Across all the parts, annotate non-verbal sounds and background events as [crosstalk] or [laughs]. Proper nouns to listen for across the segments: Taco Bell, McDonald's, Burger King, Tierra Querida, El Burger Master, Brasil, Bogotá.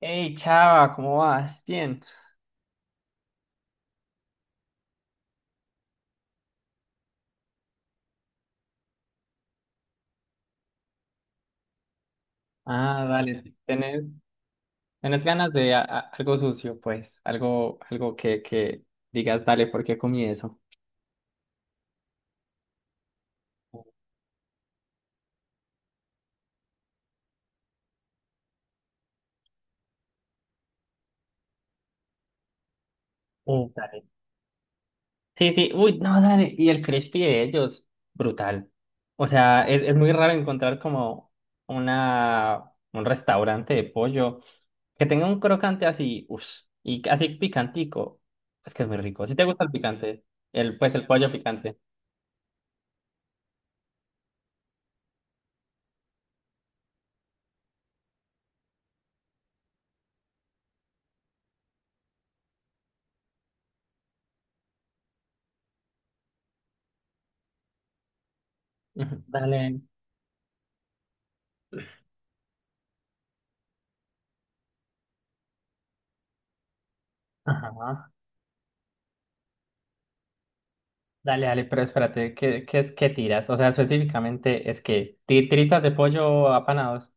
Hey, Chava, ¿cómo vas? Bien. Ah, dale. ¿Tenés ganas de algo sucio, pues? Algo, algo que digas, dale, ¿por qué comí eso? Mm, dale. Sí, sí, uy, no, dale. Y el crispy de ellos, brutal. O sea, es muy raro encontrar como una, un restaurante de pollo que tenga un crocante así, uff, y así picantico. Es que es muy rico. Si te gusta el picante, pues el pollo picante. Ujú, dale. Ajá. Dale, dale, pero espérate, ¿qué es que tiras? O sea, específicamente es que tiritas de pollo apanados.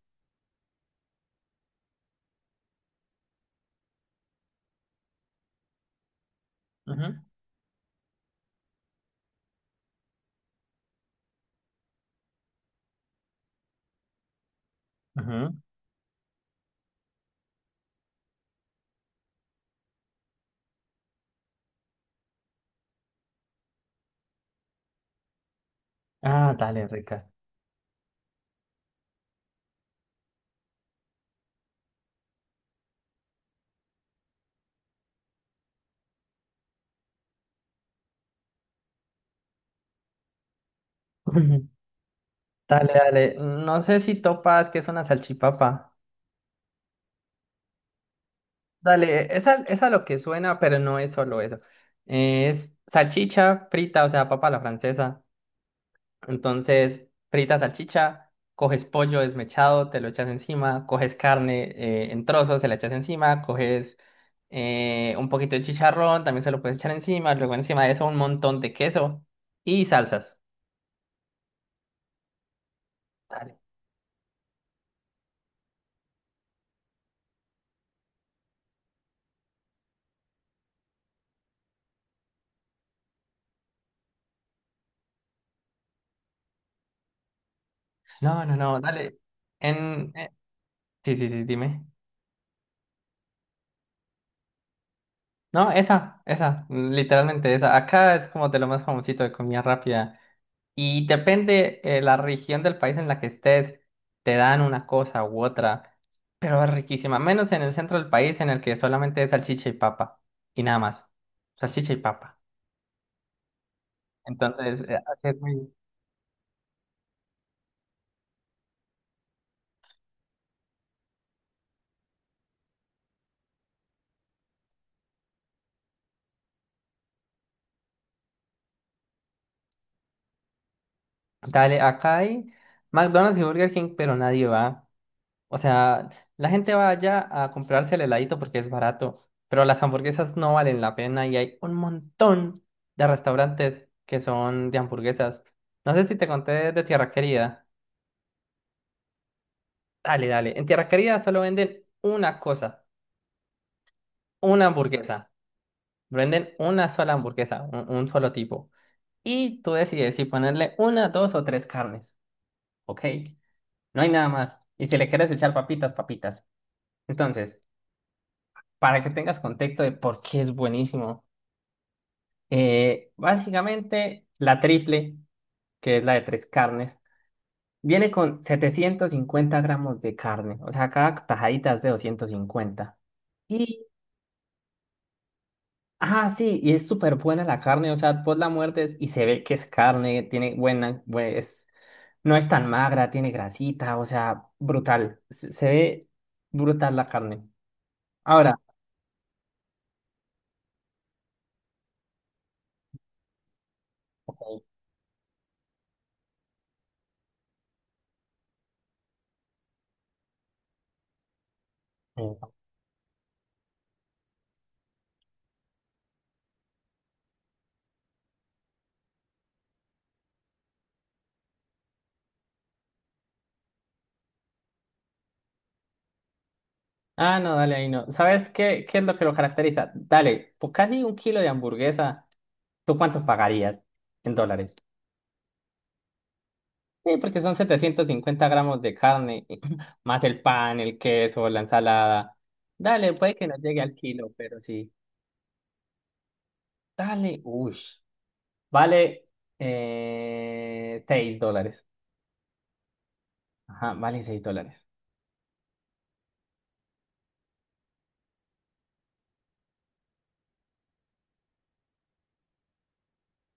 Ujú, ujú. Ah, dale, rica. [laughs] Dale, dale. No sé si topas que es una salchipapa. Dale, esa es a lo que suena, pero no es solo eso. Es salchicha frita, o sea, papa a la francesa. Entonces, fritas salchicha, coges pollo desmechado, te lo echas encima, coges carne en trozos, se la echas encima, coges un poquito de chicharrón, también se lo puedes echar encima, luego encima de eso un montón de queso y salsas. Dale. No, no, no, dale. En, eh, sí, sí, sí, dime. No, esa, literalmente esa. Acá es como de lo más famosito de comida rápida. Y depende la región del país en la que estés, te dan una cosa u otra, pero es riquísima, menos en el centro del país en el que solamente es salchicha y papa, y nada más, salchicha y papa. Entonces, así es muy... Dale, acá hay McDonald's y Burger King, pero nadie va. O sea, la gente va allá a comprarse el heladito porque es barato, pero las hamburguesas no valen la pena y hay un montón de restaurantes que son de hamburguesas. No sé si te conté de Tierra Querida. Dale, dale. En Tierra Querida solo venden una cosa, una hamburguesa. Venden una sola hamburguesa, un solo tipo. Y tú decides si ponerle una, dos o tres carnes. ¿Ok? No hay nada más. Y si le quieres echar papitas, papitas. Entonces, para que tengas contexto de por qué es buenísimo, básicamente la triple, que es la de tres carnes, viene con 750 gramos de carne. O sea, cada tajadita es de 250. Y ah, sí, y es súper buena la carne, o sea, vos la muertes y se ve que es carne, tiene buena, pues, no es tan magra, tiene grasita, o sea, brutal, se ve brutal la carne. Ahora, ok, eso. Ah, no, dale, ahí no. ¿Sabes qué, qué es lo que lo caracteriza? Dale, por casi un kilo de hamburguesa, ¿tú cuánto pagarías en dólares? Sí, porque son 750 gramos de carne, [clears throat] [laughs] más el pan, el queso, la ensalada. Dale, puede que no llegue al kilo, pero sí. Dale, uy. Vale 6 dólares. Ajá, vale 6 dólares.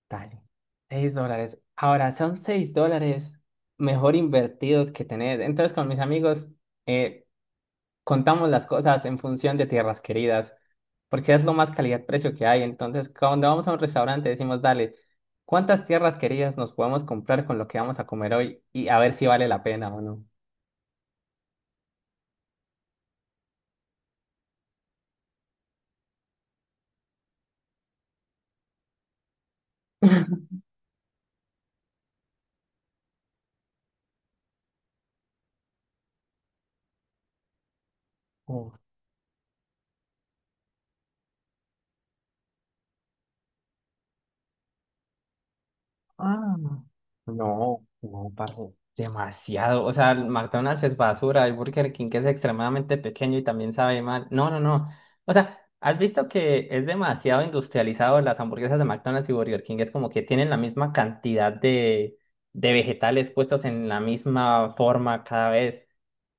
Dale, 6 dólares. Ahora, son 6 dólares mejor invertidos que tener. Entonces, con mis amigos, eh, contamos las cosas en función de tierras queridas, porque es lo más calidad-precio que hay. Entonces, cuando vamos a un restaurante, decimos, dale, ¿cuántas tierras queridas nos podemos comprar con lo que vamos a comer hoy? Y a ver si vale la pena o no. [laughs] Ah, no, no, parce, demasiado. O sea, el McDonald's es basura, el Burger King que es extremadamente pequeño y también sabe mal. No, no, no. O sea, ¿has visto que es demasiado industrializado las hamburguesas de McDonald's y Burger King? Es como que tienen la misma cantidad de vegetales puestos en la misma forma cada vez.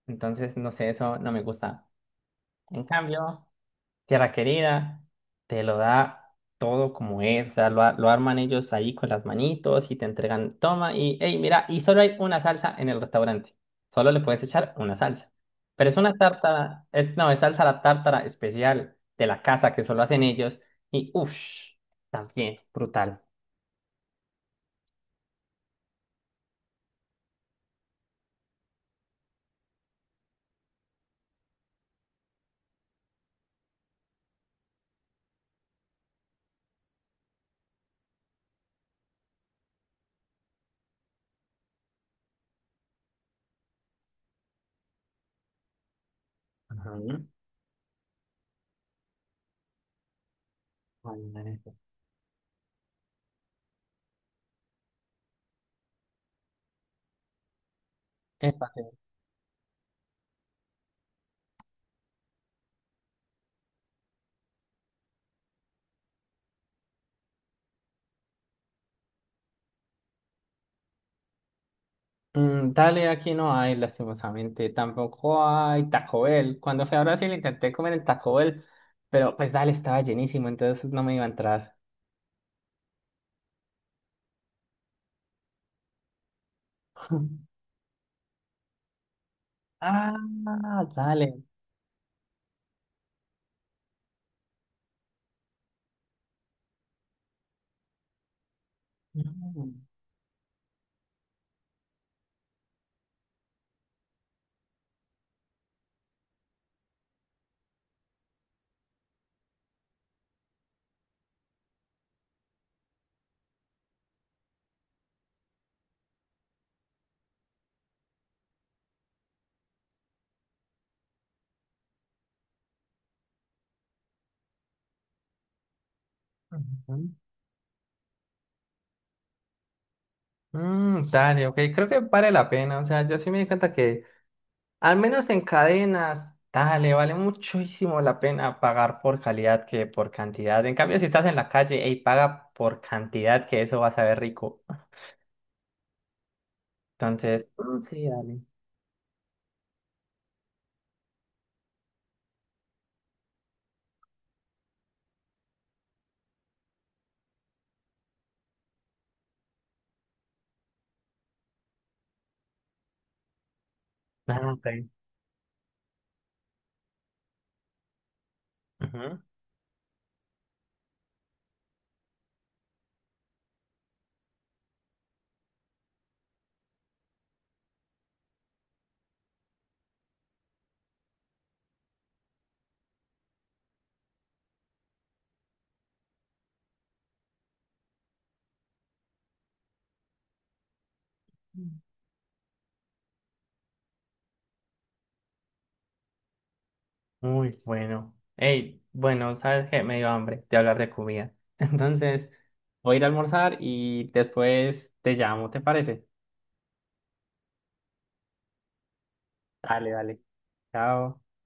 Entonces, no sé, eso no me gusta. En cambio, Tierra Querida te lo da todo como es, o sea, lo arman ellos ahí con las manitos y te entregan, toma y, hey, mira, y solo hay una salsa en el restaurante, solo le puedes echar una salsa, pero es una tártara, es, no, es salsa la tártara especial de la casa que solo hacen ellos y, uff, también, brutal. Ajá. Ay, man. Epa, mm, dale, aquí no hay, lastimosamente. Tampoco hay Taco Bell. Cuando fui a Brasil intenté comer el Taco Bell, pero pues dale, estaba llenísimo, entonces no me iba a entrar. [laughs] Ah, dale. Mm, ujú. Mm, dale, ok, creo que vale la pena, o sea, yo sí me di cuenta que al menos en cadenas, dale, vale muchísimo la pena pagar por calidad que por cantidad. En cambio, si estás en la calle, ey, paga por cantidad que eso va a saber rico. Entonces, mm, sí, dale. Ah, ok. Ujú. Muy bueno. Hey, bueno, ¿sabes qué? Me dio hambre de hablar de comida. [laughs] Entonces, voy a ir a almorzar y después te llamo, ¿te parece? Dale, dale. Chao.